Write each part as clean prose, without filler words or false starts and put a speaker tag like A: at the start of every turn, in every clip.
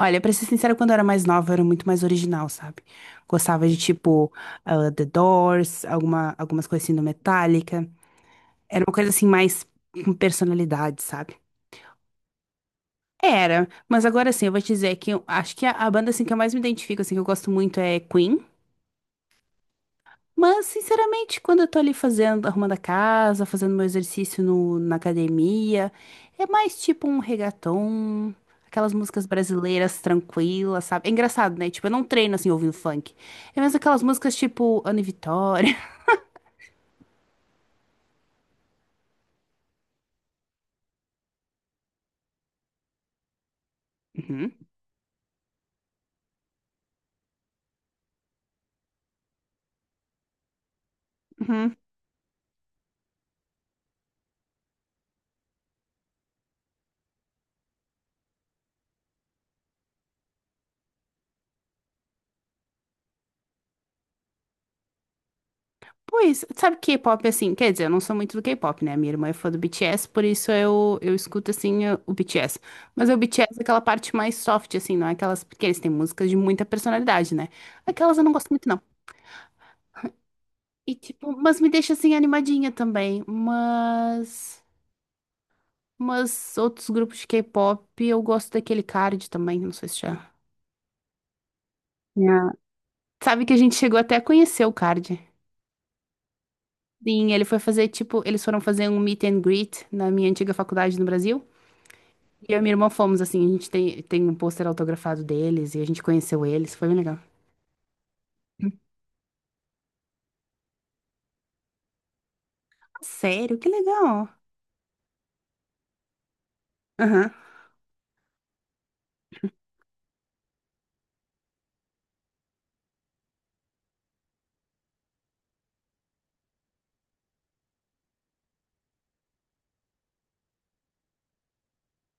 A: Olha, pra ser sincera, quando eu era mais nova, eu era muito mais original, sabe? Gostava de, tipo, The Doors, algumas coisas assim do Metallica. Era uma coisa, assim, mais com personalidade, sabe? Era, mas agora, assim, eu vou te dizer que eu acho que a banda, assim, que eu mais me identifico, assim, que eu gosto muito é Queen. Mas, sinceramente, quando eu tô ali fazendo, arrumando a casa, fazendo meu exercício na academia, é mais tipo um reggaeton, aquelas músicas brasileiras tranquilas, sabe? É engraçado, né? Tipo, eu não treino assim ouvindo funk. É mais aquelas músicas tipo Ana e Vitória. Uhum, uhum. Pois, sabe K-pop assim? Quer dizer, eu não sou muito do K-pop, né? Minha irmã é fã do BTS, por isso eu escuto assim o BTS. Mas o BTS é aquela parte mais soft, assim, não é aquelas. Porque eles têm músicas de muita personalidade, né? Aquelas eu não gosto muito, não. E tipo, mas me deixa assim animadinha também. Mas. Mas outros grupos de K-pop, eu gosto daquele Card também, não sei se já. Ah, sabe que a gente chegou até a conhecer o Card. Sim, ele foi fazer, tipo, eles foram fazer um meet and greet na minha antiga faculdade no Brasil. E eu e minha irmã fomos, assim, a gente tem um pôster autografado deles e a gente conheceu eles, foi bem legal. Sério, que legal. Aham,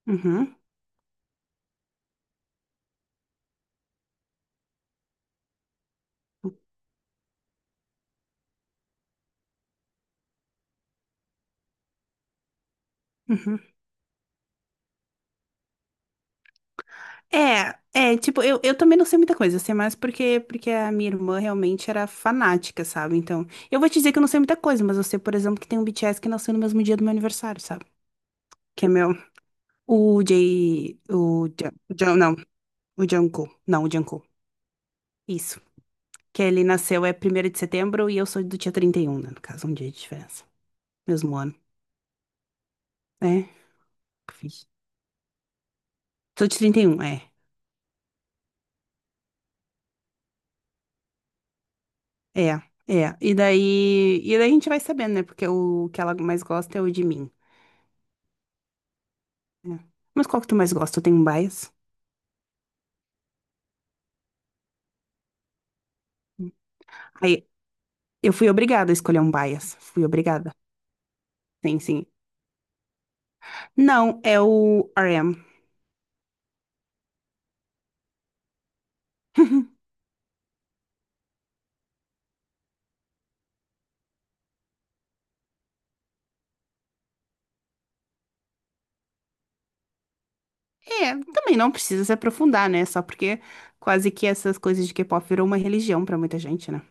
A: uhum, uhum. É, é, tipo, eu também não sei muita coisa, eu sei mais porque a minha irmã realmente era fanática, sabe? Então, eu vou te dizer que eu não sei muita coisa, mas eu sei, por exemplo, que tem um BTS que nasceu no mesmo dia do meu aniversário, sabe? Que é meu, o J, o J, J- não, o Jungkook, não, o Jungkook, isso. Que ele nasceu é 1º de setembro e eu sou do dia 31, né, no caso, um dia de diferença, mesmo ano, é, que fiz. Sou de 31, é, é, é, e daí a gente vai sabendo, né, porque o que ela mais gosta é o de mim. É. Mas qual que tu mais gosta? Tu tem um bias? Aí, eu fui obrigada a escolher um bias. Fui obrigada. Sim, sim. Não, é o RM. É, também não precisa se aprofundar, né? Só porque quase que essas coisas de K-pop virou uma religião pra muita gente, né?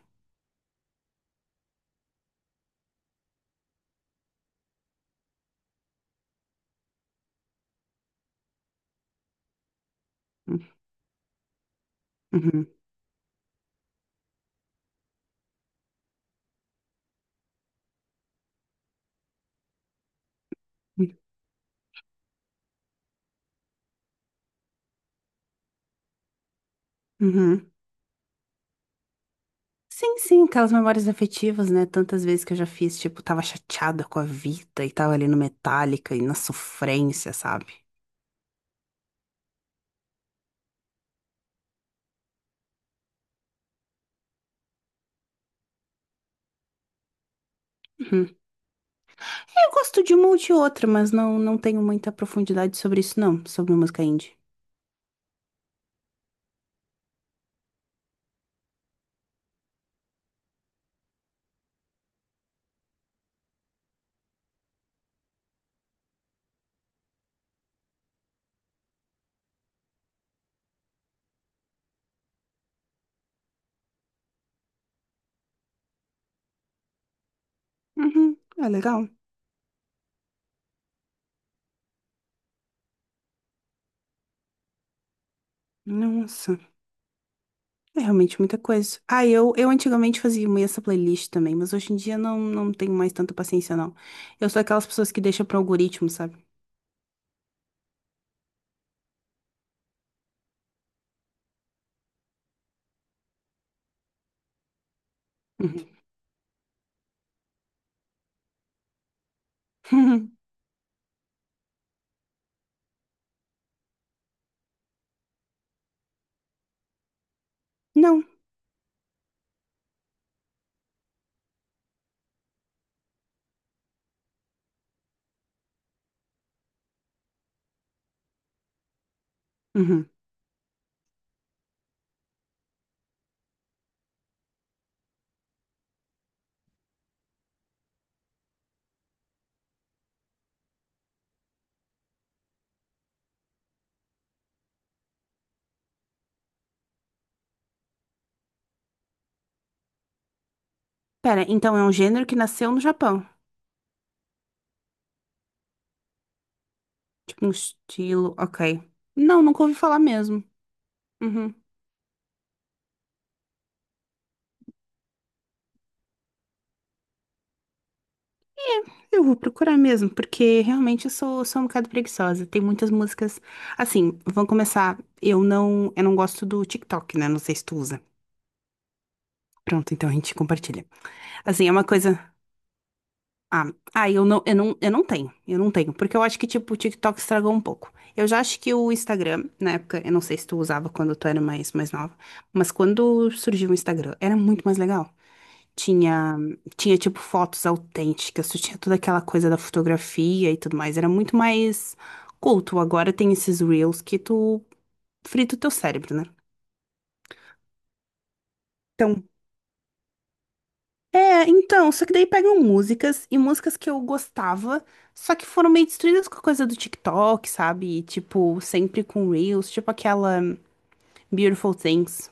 A: Uhum. Uhum. Sim, sim, aquelas memórias afetivas, né? Tantas vezes que eu já fiz, tipo, tava chateada com a vida e tava ali no Metallica e na sofrência, sabe? Uhum. Eu gosto de uma ou de outra, mas não, não tenho muita profundidade sobre isso, não, sobre música indie. Uhum, é legal. Nossa, é realmente muita coisa. Ah, eu antigamente fazia muito essa playlist também, mas hoje em dia não, não tenho mais tanta paciência, não. Eu sou aquelas pessoas que deixam para algoritmo, sabe? Uhum. Não. Uhum. Pera, então é um gênero que nasceu no Japão. Tipo um estilo, ok. Não, nunca ouvi falar mesmo. Uhum. Eu vou procurar mesmo, porque realmente eu sou, sou um bocado preguiçosa. Tem muitas músicas. Assim, vamos começar. Eu não gosto do TikTok, né? Não sei se tu usa. Pronto, então a gente compartilha. Assim, é uma coisa. Eu não, eu não, eu não tenho. Eu não tenho. Porque eu acho que, tipo, o TikTok estragou um pouco. Eu já acho que o Instagram, na época, eu não sei se tu usava quando tu era mais, mais nova, mas quando surgiu o Instagram, era muito mais legal. Tinha, tinha tipo fotos autênticas, tu tinha toda aquela coisa da fotografia e tudo mais. Era muito mais culto. Agora tem esses reels que tu frita o teu cérebro, né? Então, é, então, só que daí pegam músicas e músicas que eu gostava, só que foram meio destruídas com a coisa do TikTok, sabe? E, tipo, sempre com reels, tipo aquela Beautiful Things.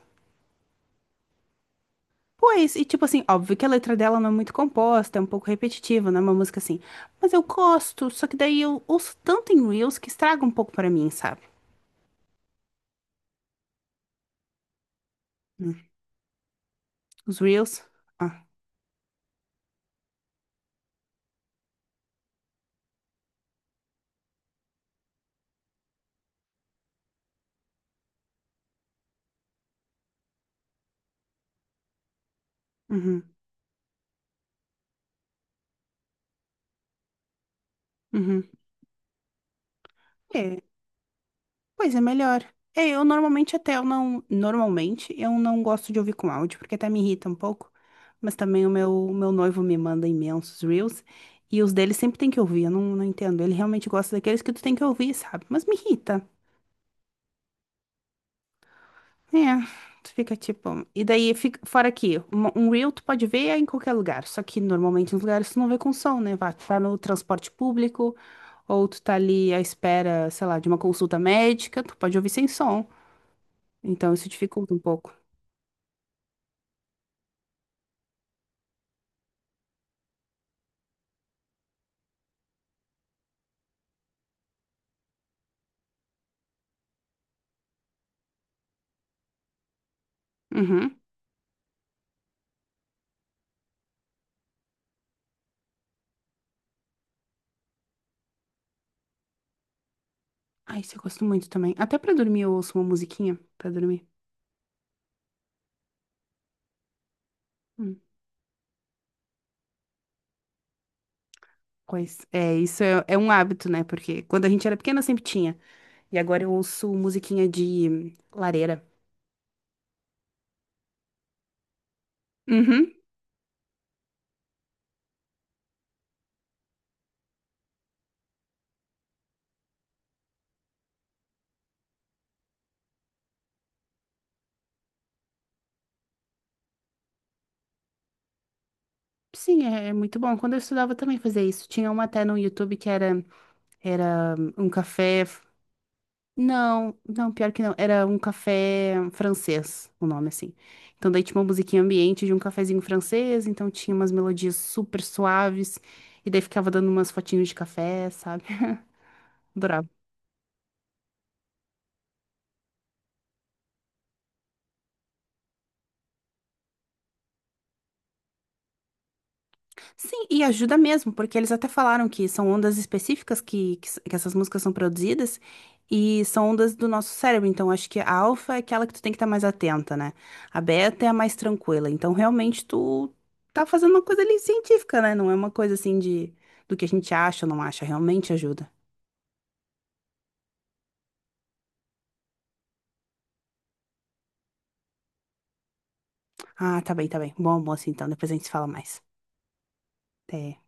A: Pois, e tipo assim, óbvio que a letra dela não é muito composta, é um pouco repetitiva, não é uma música assim. Mas eu gosto, só que daí eu ouço tanto em Reels que estraga um pouco pra mim, sabe? Hum, Os Reels. Ah, uhum, uhum. É, pois é melhor. É, eu normalmente até eu não. Normalmente eu não gosto de ouvir com áudio, porque até me irrita um pouco. Mas também o meu noivo me manda imensos Reels. E os dele sempre tem que ouvir, eu não, não entendo. Ele realmente gosta daqueles que tu tem que ouvir, sabe? Mas me irrita. É, tu fica tipo. E daí, fica, fora aqui, um reel tu pode ver em qualquer lugar, só que normalmente nos lugares tu não vê com som, né? Vá, tu tá no transporte público, ou tu tá ali à espera, sei lá, de uma consulta médica, tu pode ouvir sem som. Então isso dificulta um pouco. Uhum. Ah, isso eu gosto muito também. Até pra dormir eu ouço uma musiquinha pra dormir. Hum. Pois é, isso é, é um hábito, né? Porque quando a gente era pequena sempre tinha. E agora eu ouço musiquinha de lareira. Uhum. Sim, é, é muito bom. Quando eu estudava eu também fazia isso. Tinha uma até no YouTube que era, era um café. Não, não, pior que não. Era um café francês, o nome assim. Então daí tinha uma musiquinha ambiente de um cafezinho francês, então tinha umas melodias super suaves, e daí ficava dando umas fotinhos de café, sabe? Adorava. Sim, e ajuda mesmo, porque eles até falaram que são ondas específicas que essas músicas são produzidas e são ondas do nosso cérebro. Então, acho que a alfa é aquela que tu tem que estar mais atenta, né? A beta é a mais tranquila. Então, realmente, tu tá fazendo uma coisa ali científica, né? Não é uma coisa assim de do que a gente acha ou não acha. Realmente ajuda. Ah, tá bem, tá bem. Bom almoço, então. Depois a gente se fala mais. Até.